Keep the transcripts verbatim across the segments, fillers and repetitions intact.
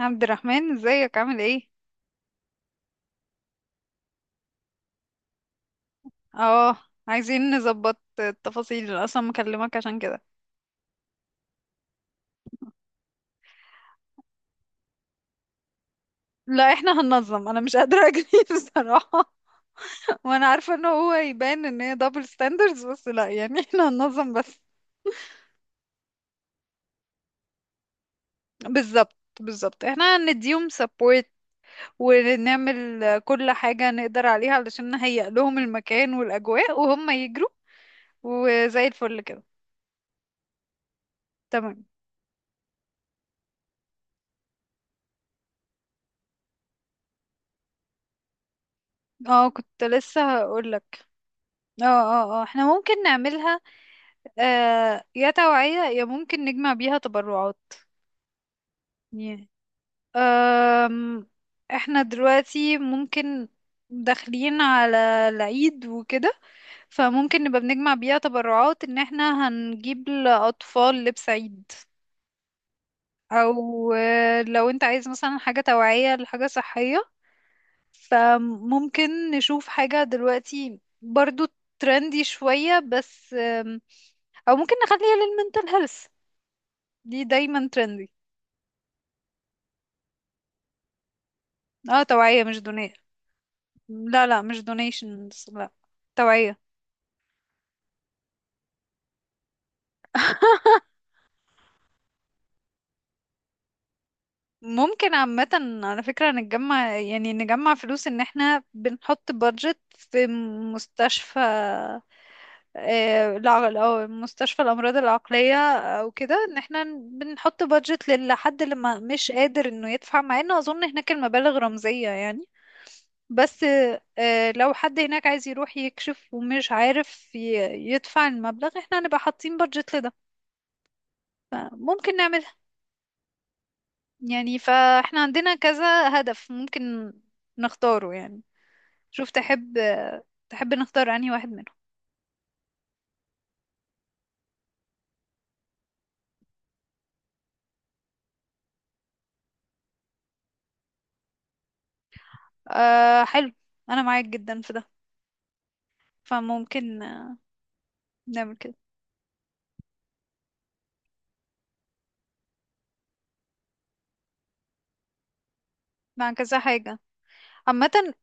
عبد الرحمن، ازيك؟ عامل ايه؟ اه. عايزين نظبط التفاصيل، انا اصلا مكلمك عشان كده. لا، احنا هننظم. انا مش قادره اجري بصراحه. وانا عارفه ان هو يبان ان هي دبل ستاندردز، بس لا يعني احنا هننظم بس. بالظبط بالظبط، احنا هنديهم سبورت، ونعمل كل حاجه نقدر عليها علشان نهيئ لهم المكان والاجواء وهم يجروا، وزي الفل كده. تمام. اه، كنت لسه هقولك. اه، اه، اه، احنا ممكن نعملها. آه، يا توعية يا ممكن نجمع بيها تبرعات. يعني آم، احنا دلوقتي ممكن داخلين على العيد وكده، فممكن نبقى بنجمع بيها تبرعات ان احنا هنجيب لأطفال لبس عيد. او آه، لو انت عايز مثلا حاجة توعية لحاجة صحية، فممكن نشوف حاجة دلوقتي برضو ترندي شوية. بس آم، او ممكن نخليها للمنتل هيلث. دي دايما ترندي. اه، توعية مش دوني. لا لا، مش دونيشنز، لا. توعية. ممكن عامة على فكرة نتجمع، يعني نجمع فلوس ان احنا بنحط بادجت في مستشفى. آه، الع- الأو- مستشفى الأمراض العقلية أو كده، إن احنا بنحط بادجت لحد اللي ما مش قادر إنه يدفع، مع إنه أظن هناك المبالغ رمزية يعني. بس آه، لو حد هناك عايز يروح يكشف ومش عارف ي- يدفع المبلغ، احنا هنبقى حاطين بادجت لده. فممكن نعملها. يعني فاحنا عندنا كذا هدف ممكن نختاره يعني. شوف تحب، تحب نختار انهي واحد منهم؟ أه، حلو. انا معاك جدا في ده. فممكن آه، نعمل كده مع كذا حاجة عامة.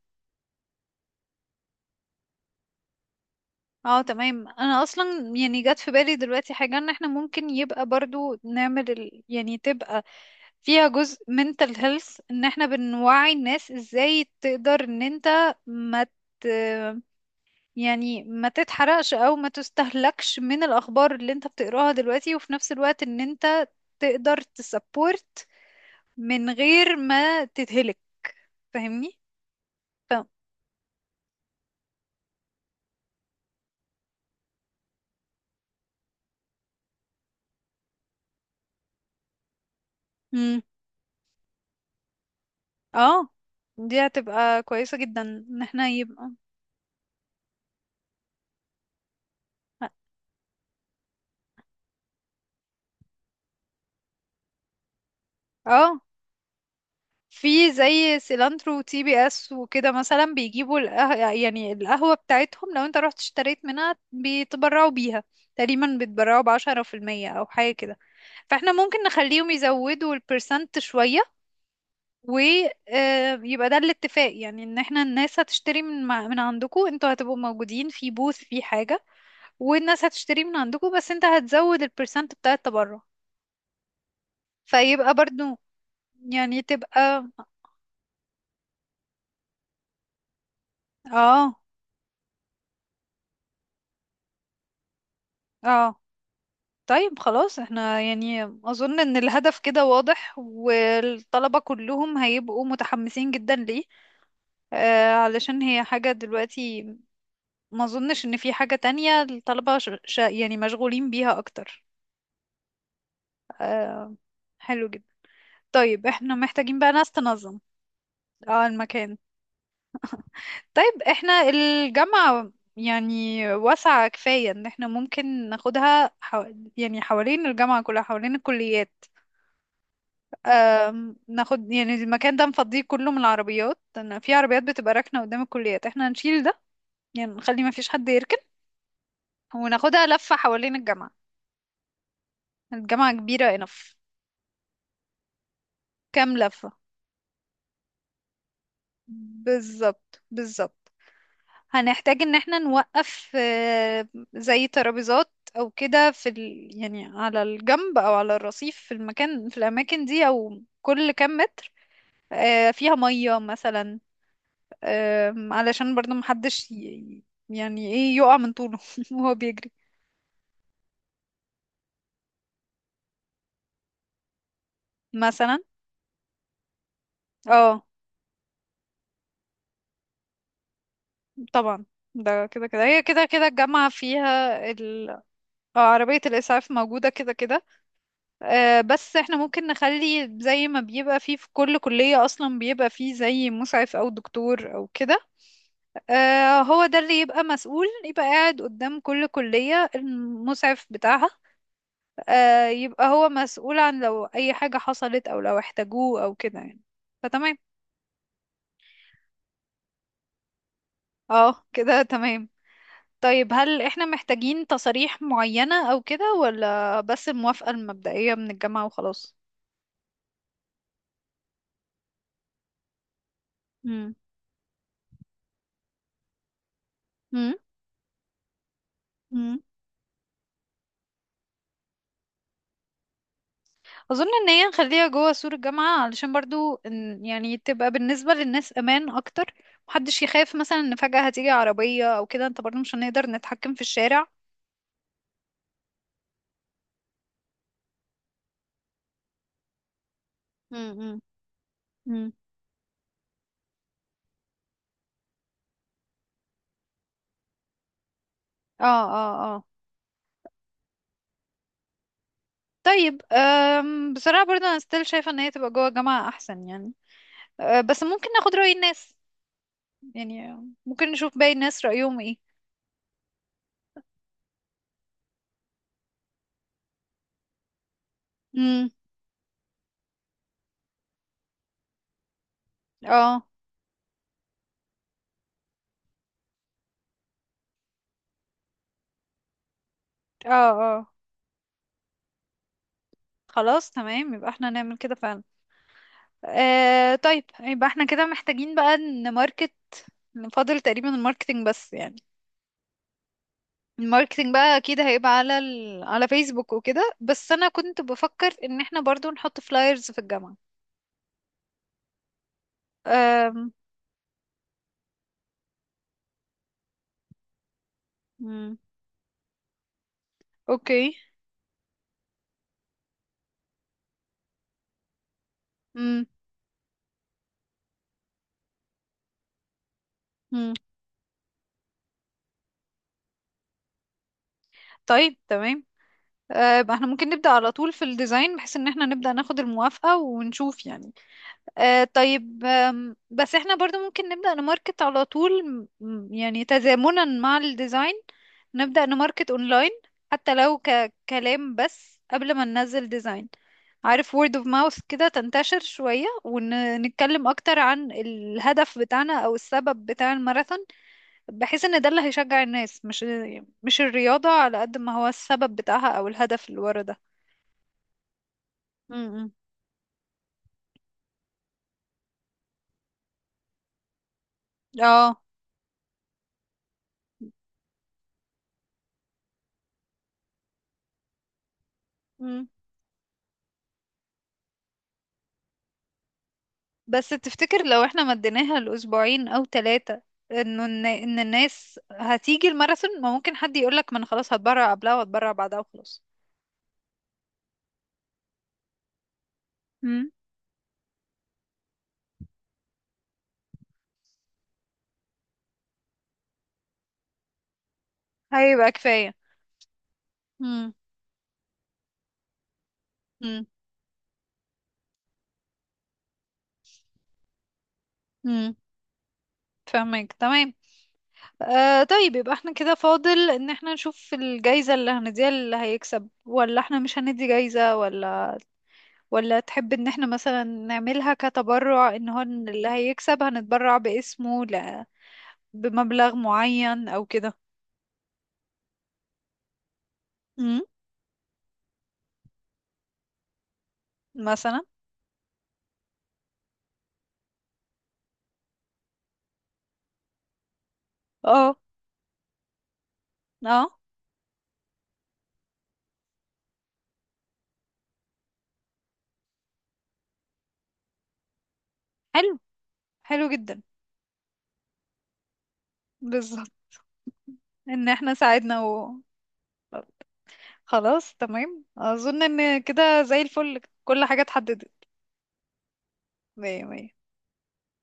اه، تمام. انا اصلا يعني جت في بالي دلوقتي حاجة ان احنا ممكن يبقى برضو نعمل ال... يعني تبقى فيها جزء mental health، ان احنا بنوعي الناس ازاي تقدر ان انت ما ت... يعني ما تتحرقش او ما تستهلكش من الاخبار اللي انت بتقراها دلوقتي، وفي نفس الوقت ان انت تقدر تسبورت من غير ما تتهلك. فاهمني؟ ف... مم. اه، دي هتبقى كويسة جدا ان احنا يبقى. اه، في زي سيلانترو وتي بي اس وكده مثلا بيجيبوا القه... يعني القهوة بتاعتهم، لو انت رحت اشتريت منها بيتبرعوا بيها. تقريبا بيتبرعوا بعشرة في المية او حاجة كده. فاحنا ممكن نخليهم يزودوا البرسنت شوية، ويبقى ده الاتفاق. يعني ان احنا الناس هتشتري من مع- من عندكم. انتوا هتبقوا موجودين في بوث في حاجة، والناس هتشتري من عندكم، بس انت هتزود البرسنت بتاع التبرع. فيبقى برضو يعني تبقى. اه، اه. طيب خلاص. احنا يعني اظن ان الهدف كده واضح، والطلبة كلهم هيبقوا متحمسين جدا ليه. آه علشان هي حاجة دلوقتي، ما اظنش ان في حاجة تانية الطلبة ش... ش... يعني مشغولين بيها اكتر. آه حلو جدا. طيب احنا محتاجين بقى ناس تنظم. اه، المكان. طيب احنا الجامعة يعني واسعة كفاية ان احنا ممكن ناخدها حو... يعني حوالين الجامعة كلها حوالين الكليات. أم، ناخد يعني المكان ده نفضيه كله من العربيات، لأن في عربيات بتبقى راكنة قدام الكليات. احنا هنشيل ده، يعني نخلي ما فيش حد يركن. وناخدها لفة حوالين الجامعة. الجامعة كبيرة enough. كام لفة؟ بالظبط بالظبط. هنحتاج ان احنا نوقف آه، زي ترابيزات او كده في ال... يعني على الجنب او على الرصيف، في المكان في الاماكن دي او كل كام متر آه، فيها مية مثلا. آم، علشان برضه محدش ي... يعني ايه، يقع من طوله وهو بيجري. مثلا. اه، طبعا. ده كده كده، هي كده كده الجامعة فيها ال... آه، عربية الإسعاف موجودة كده كده. آه، بس احنا ممكن نخلي زي ما بيبقى فيه في كل كلية اصلا بيبقى فيه زي مسعف او دكتور او كده. آه، هو ده اللي يبقى مسؤول، يبقى قاعد قدام كل كلية المسعف بتاعها. آه، يبقى هو مسؤول عن لو اي حاجة حصلت او لو احتاجوه او كده يعني. فتمام. اه، كده تمام. طيب، هل احنا محتاجين تصاريح معينة او كده، ولا بس الموافقة المبدئية من الجامعة وخلاص؟ مم. مم. اظن ان هي نخليها جوه سور الجامعة علشان برضو إن- يعني تبقى بالنسبة للناس امان اكتر. محدش يخاف مثلا ان فجأة هتيجي عربية او كده، انت برضو مش هنقدر نتحكم في الشارع. امم. امم. اه، اه، اه. طيب، أم بصراحة برضو انا ستيل شايفة ان هي تبقى جوه الجامعة احسن يعني. أه بس ممكن ناخد رأي الناس، يعني ممكن نشوف باقي الناس رأيهم ايه. امم. اه، اه، اه. خلاص تمام، يبقى احنا نعمل كده فعلا. آه طيب يبقى احنا كده محتاجين بقى نماركت. نفضل تقريبا الماركتينج بس يعني. الماركتينج بقى اكيد هيبقى على ال... على فيسبوك وكده، بس انا كنت بفكر ان احنا برضو نحط فلايرز في الجامعة. أم... مم. اوكي. مم. مم. طيب تمام. آه، يبقى احنا ممكن نبدأ على طول في الديزاين، بحيث ان احنا نبدأ ناخد الموافقة ونشوف يعني. آه طيب آم، بس احنا برضو ممكن نبدأ نماركت على طول. م- يعني تزامنا مع الديزاين، نبدأ نماركت اونلاين حتى لو ككلام بس قبل ما ننزل ديزاين. عارف word of mouth كده تنتشر شوية، ونتكلم أكتر عن الهدف بتاعنا أو السبب بتاع الماراثون. بحيث إن ده اللي هيشجع الناس، مش مش الرياضة على قد ما هو السبب بتاعها أو الهدف اللي ورا ده. م- م. اه، بس تفتكر لو احنا مديناها لأسبوعين أو ثلاثة، انه الن- ان الناس هتيجي الماراثون؟ ما ممكن حد يقولك ما انا خلاص هتبرع قبلها وهتبرع بعدها وخلاص. امم. هيبقى كفاية. امم. امم. امم. فاهمك تمام. آه طيب يبقى احنا كده فاضل ان احنا نشوف الجايزة اللي هنديها اللي هيكسب، ولا احنا مش هندي جايزة، ولا ولا تحب ان احنا مثلا نعملها كتبرع ان هو اللي هيكسب هنتبرع باسمه ل... بمبلغ معين او كده. مثلا. اه، اه. حلو. حلو جدا. بالظبط. ان احنا ساعدنا و خلاص تمام، اظن ان كده زي الفل كل حاجة اتحددت. مية مية.